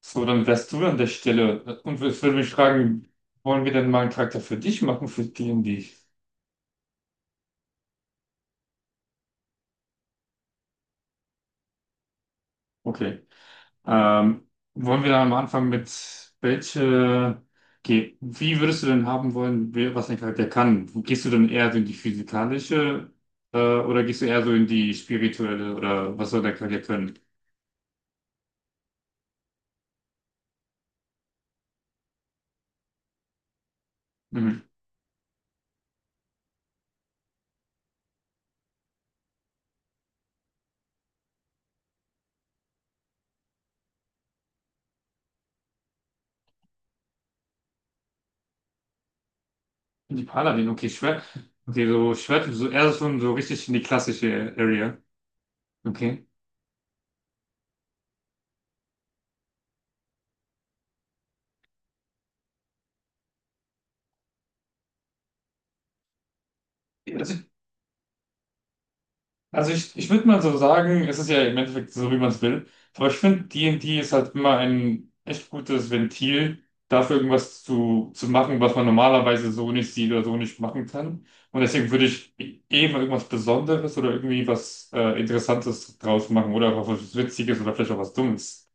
So, dann wärst du an der Stelle. Und ich würde mich fragen, wollen wir denn mal einen Charakter für dich machen, für die und die? Okay. Ähm, wollen wir dann am Anfang mit welche, okay, wie würdest du denn haben wollen, wer- was ein Charakter kann? Gehst du dann eher so in die physikalische, oder gehst du eher so in die spirituelle oder was soll der Charakter können? Mhm. In die Paladin, okay, Schwert. Okay, so Schwert, so eher so so richtig in die klassische Area. Okay. Also ich würde mal so sagen, es ist ja im Endeffekt so, wie man es will. Aber ich finde, D und D&D ist halt immer ein echt gutes Ventil dafür, irgendwas zu machen, was man normalerweise so nicht sieht oder so nicht machen kann. Und deswegen würde ich eh mal irgendwas Besonderes oder irgendwie was Interessantes draus machen oder auch was Witziges oder vielleicht auch was Dummes.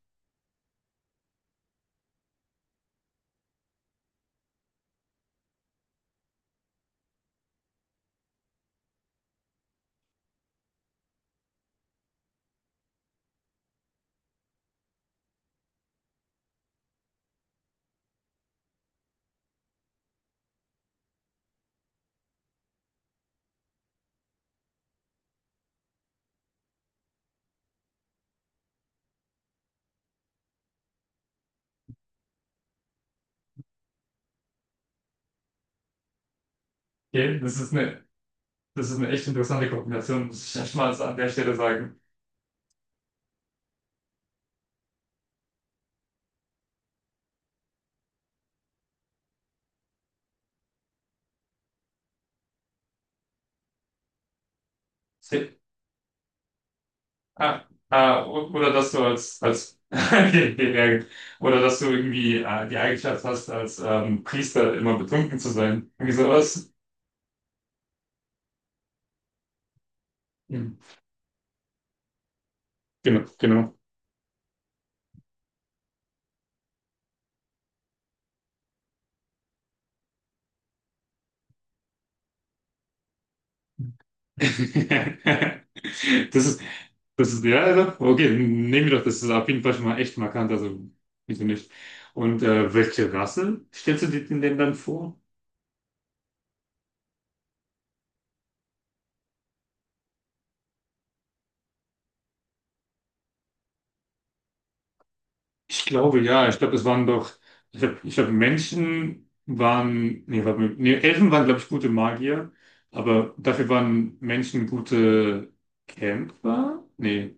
Okay, das ist eine, das ist eine echt interessante Kombination, muss ich erstmal an der Stelle sagen. Oder dass du als, als oder dass du irgendwie die Eigenschaft hast, als Priester immer betrunken zu sein. Irgendwie sowas. Hm. Genau, genau. Das ist, das ist, ja, ja, okay, nehmen wir doch, das ist auf jeden Fall schon mal echt markant, also wieso nicht? Und welche Rasse stellst du dir denn dann vor? Ich glaube ja, ich glaube, es waren doch, ich glaube, ich glaub, Menschen waren, nee, warte mal, nee, Elfen waren, glaube ich, gute Magier, aber dafür waren Menschen gute Kämpfer? Nee,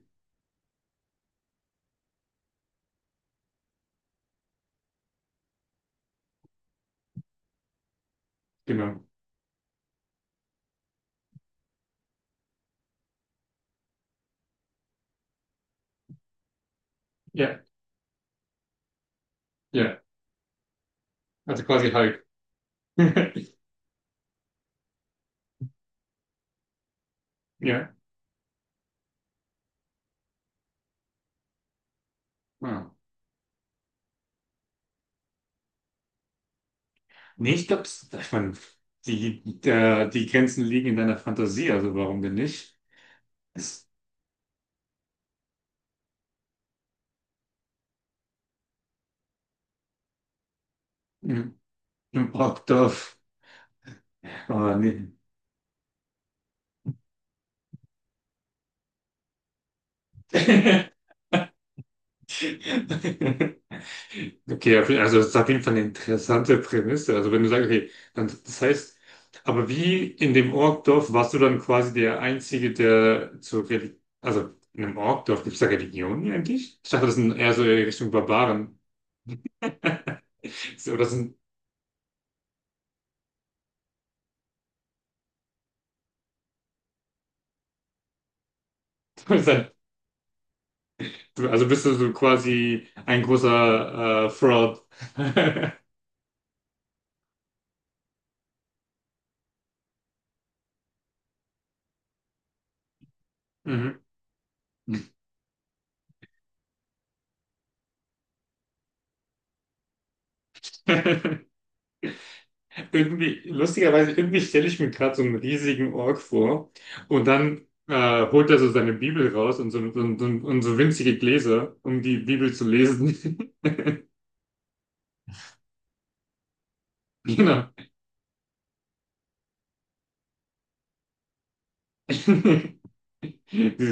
genau. Ja, ja, also quasi Hulk. Ja. Ah. Nee, ich glaube, ich meine, die Grenzen liegen in deiner Fantasie, also warum denn nicht? Es, Im Brockdorf. Oh, nee. Okay, auf jeden- also das ist auf jeden Fall eine interessante Prämisse. Also wenn du sagst, okay, dann das heißt, aber wie in dem Orkdorf warst du dann quasi der Einzige, der zur Religion, also in einem Orkdorf gibt es da Religionen eigentlich? Ich dachte, das sind eher so in Richtung Barbaren. So, das sind, das sind- also bist du so quasi ein großer Fraud. Mhm. Irgendwie, lustigerweise, irgendwie stelle ich mir gerade so einen riesigen Ork vor und dann holt er so seine Bibel raus und so, so, so, und so winzige Gläser, um die Bibel zu lesen. Genau. Dieses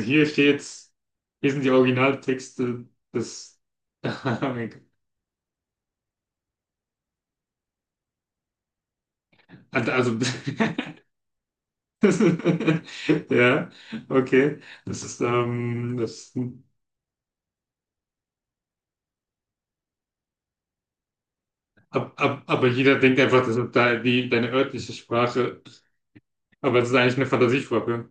Hier sind die Originaltexte des. Also, das ist- ja, okay. Das ist, ähm, das, aber jeder denkt einfach, das ist deine örtliche Sprache. Aber es ist eigentlich eine Fantasiesprache.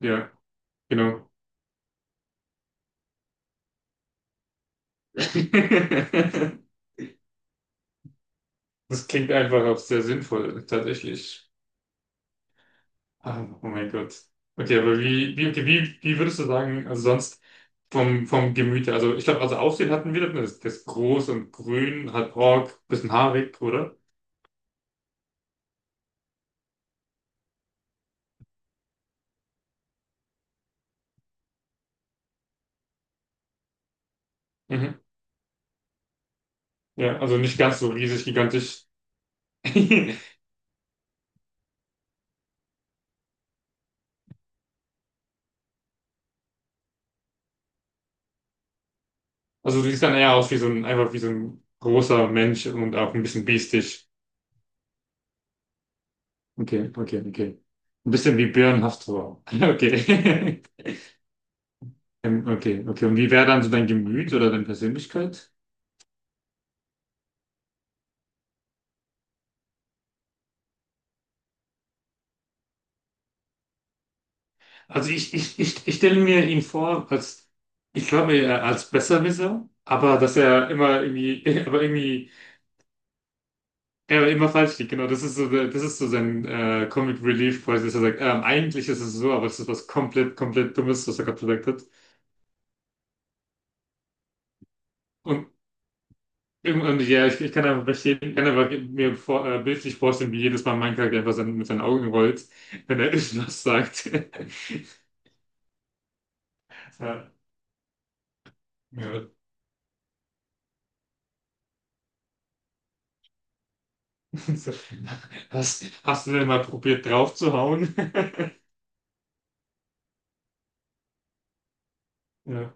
Ja, genau. Das klingt einfach auch sehr sinnvoll, tatsächlich. Ah, oh mein Gott. Okay, wie würdest du sagen, also sonst vom Gemüte. Also ich glaube, also Aussehen hatten wir, das groß und grün, hat Ork, bisschen haarig, oder? Mhm. Ja, also nicht ganz so riesig, gigantisch. Also du siehst dann eher aus wie einfach wie so ein großer Mensch und auch ein bisschen biestisch. Okay, okay. Ein bisschen wie Björn hast Okay. Okay, Und wie wäre dann so dein Gemüt oder deine Persönlichkeit? Also ich stelle mir ihn vor, als, ich glaube, er als Besserwisser, aber dass er immer irgendwie, aber irgendwie, er immer falsch liegt, genau. Das ist so, das ist so sein Comic Relief, quasi, dass er sagt, eigentlich ist es so, aber das ist was komplett Dummes, was er gerade gesagt hat. Und, irgendwann, ja, ich kann einfach verstehen, kann einfach mir vor, bildlich vorstellen, wie jedes Mal mein Charakter einfach sein, mit seinen Augen rollt, wenn er irgendwas sagt. Ja. Ja. So, hast du denn mal probiert draufzuhauen? Ja,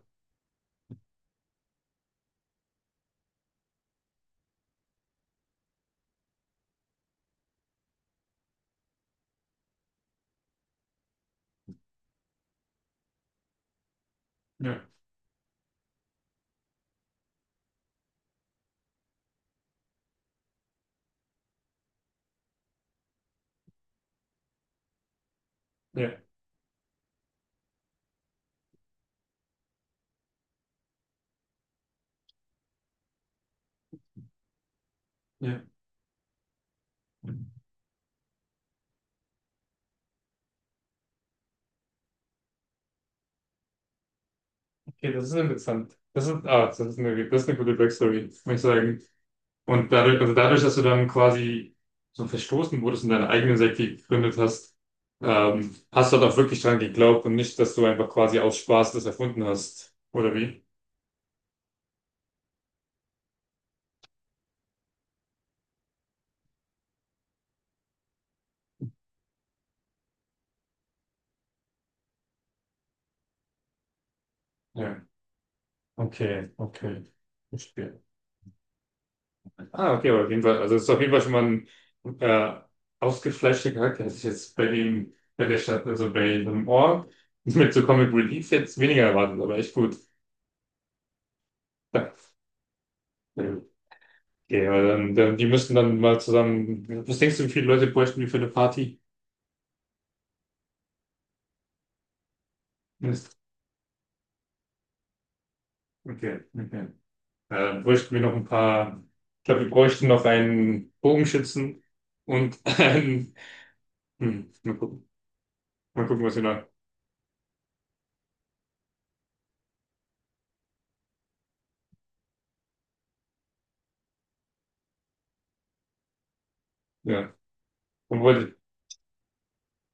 ja, ja, ja. Okay, das ist interessant. Das ist eine gute Backstory, muss ich sagen. Und dadurch, also dadurch, dass du dann quasi so verstoßen wurdest und deine eigene Sekte gegründet hast, hast du halt auch wirklich dran geglaubt und nicht, dass du einfach quasi aus Spaß das erfunden hast, oder wie? Ja, okay, okay. Verstehe. Ah, okay, aber auf jeden Fall, also es ist auf jeden Fall schon mal ein äh, ausgefleischter Charakter, hätte ich jetzt bei der Stadt, also bei dem Ort mit so Comic Relief jetzt weniger erwartet, aber echt gut. Ja, okay, aber die müssten dann mal zusammen, was denkst du, wie viele Leute bräuchten wir für eine Party? Mist. Okay, okay. Bräuchten wir noch ein paar, ich glaube, wir bräuchten noch einen Bogenschützen und einen, hm, mal gucken, was wir noch, ja. Obwohl,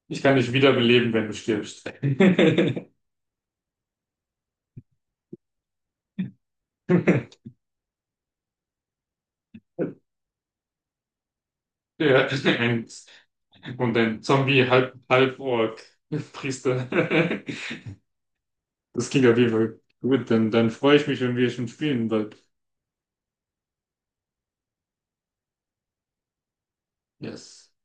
ich kann dich wiederbeleben, wenn du stirbst. Ja, ein, und ein Zombie halb Ork Priester. Das klingt auf jeden Fall gut. Dann freue ich mich, wenn wir schon spielen bald. Yes.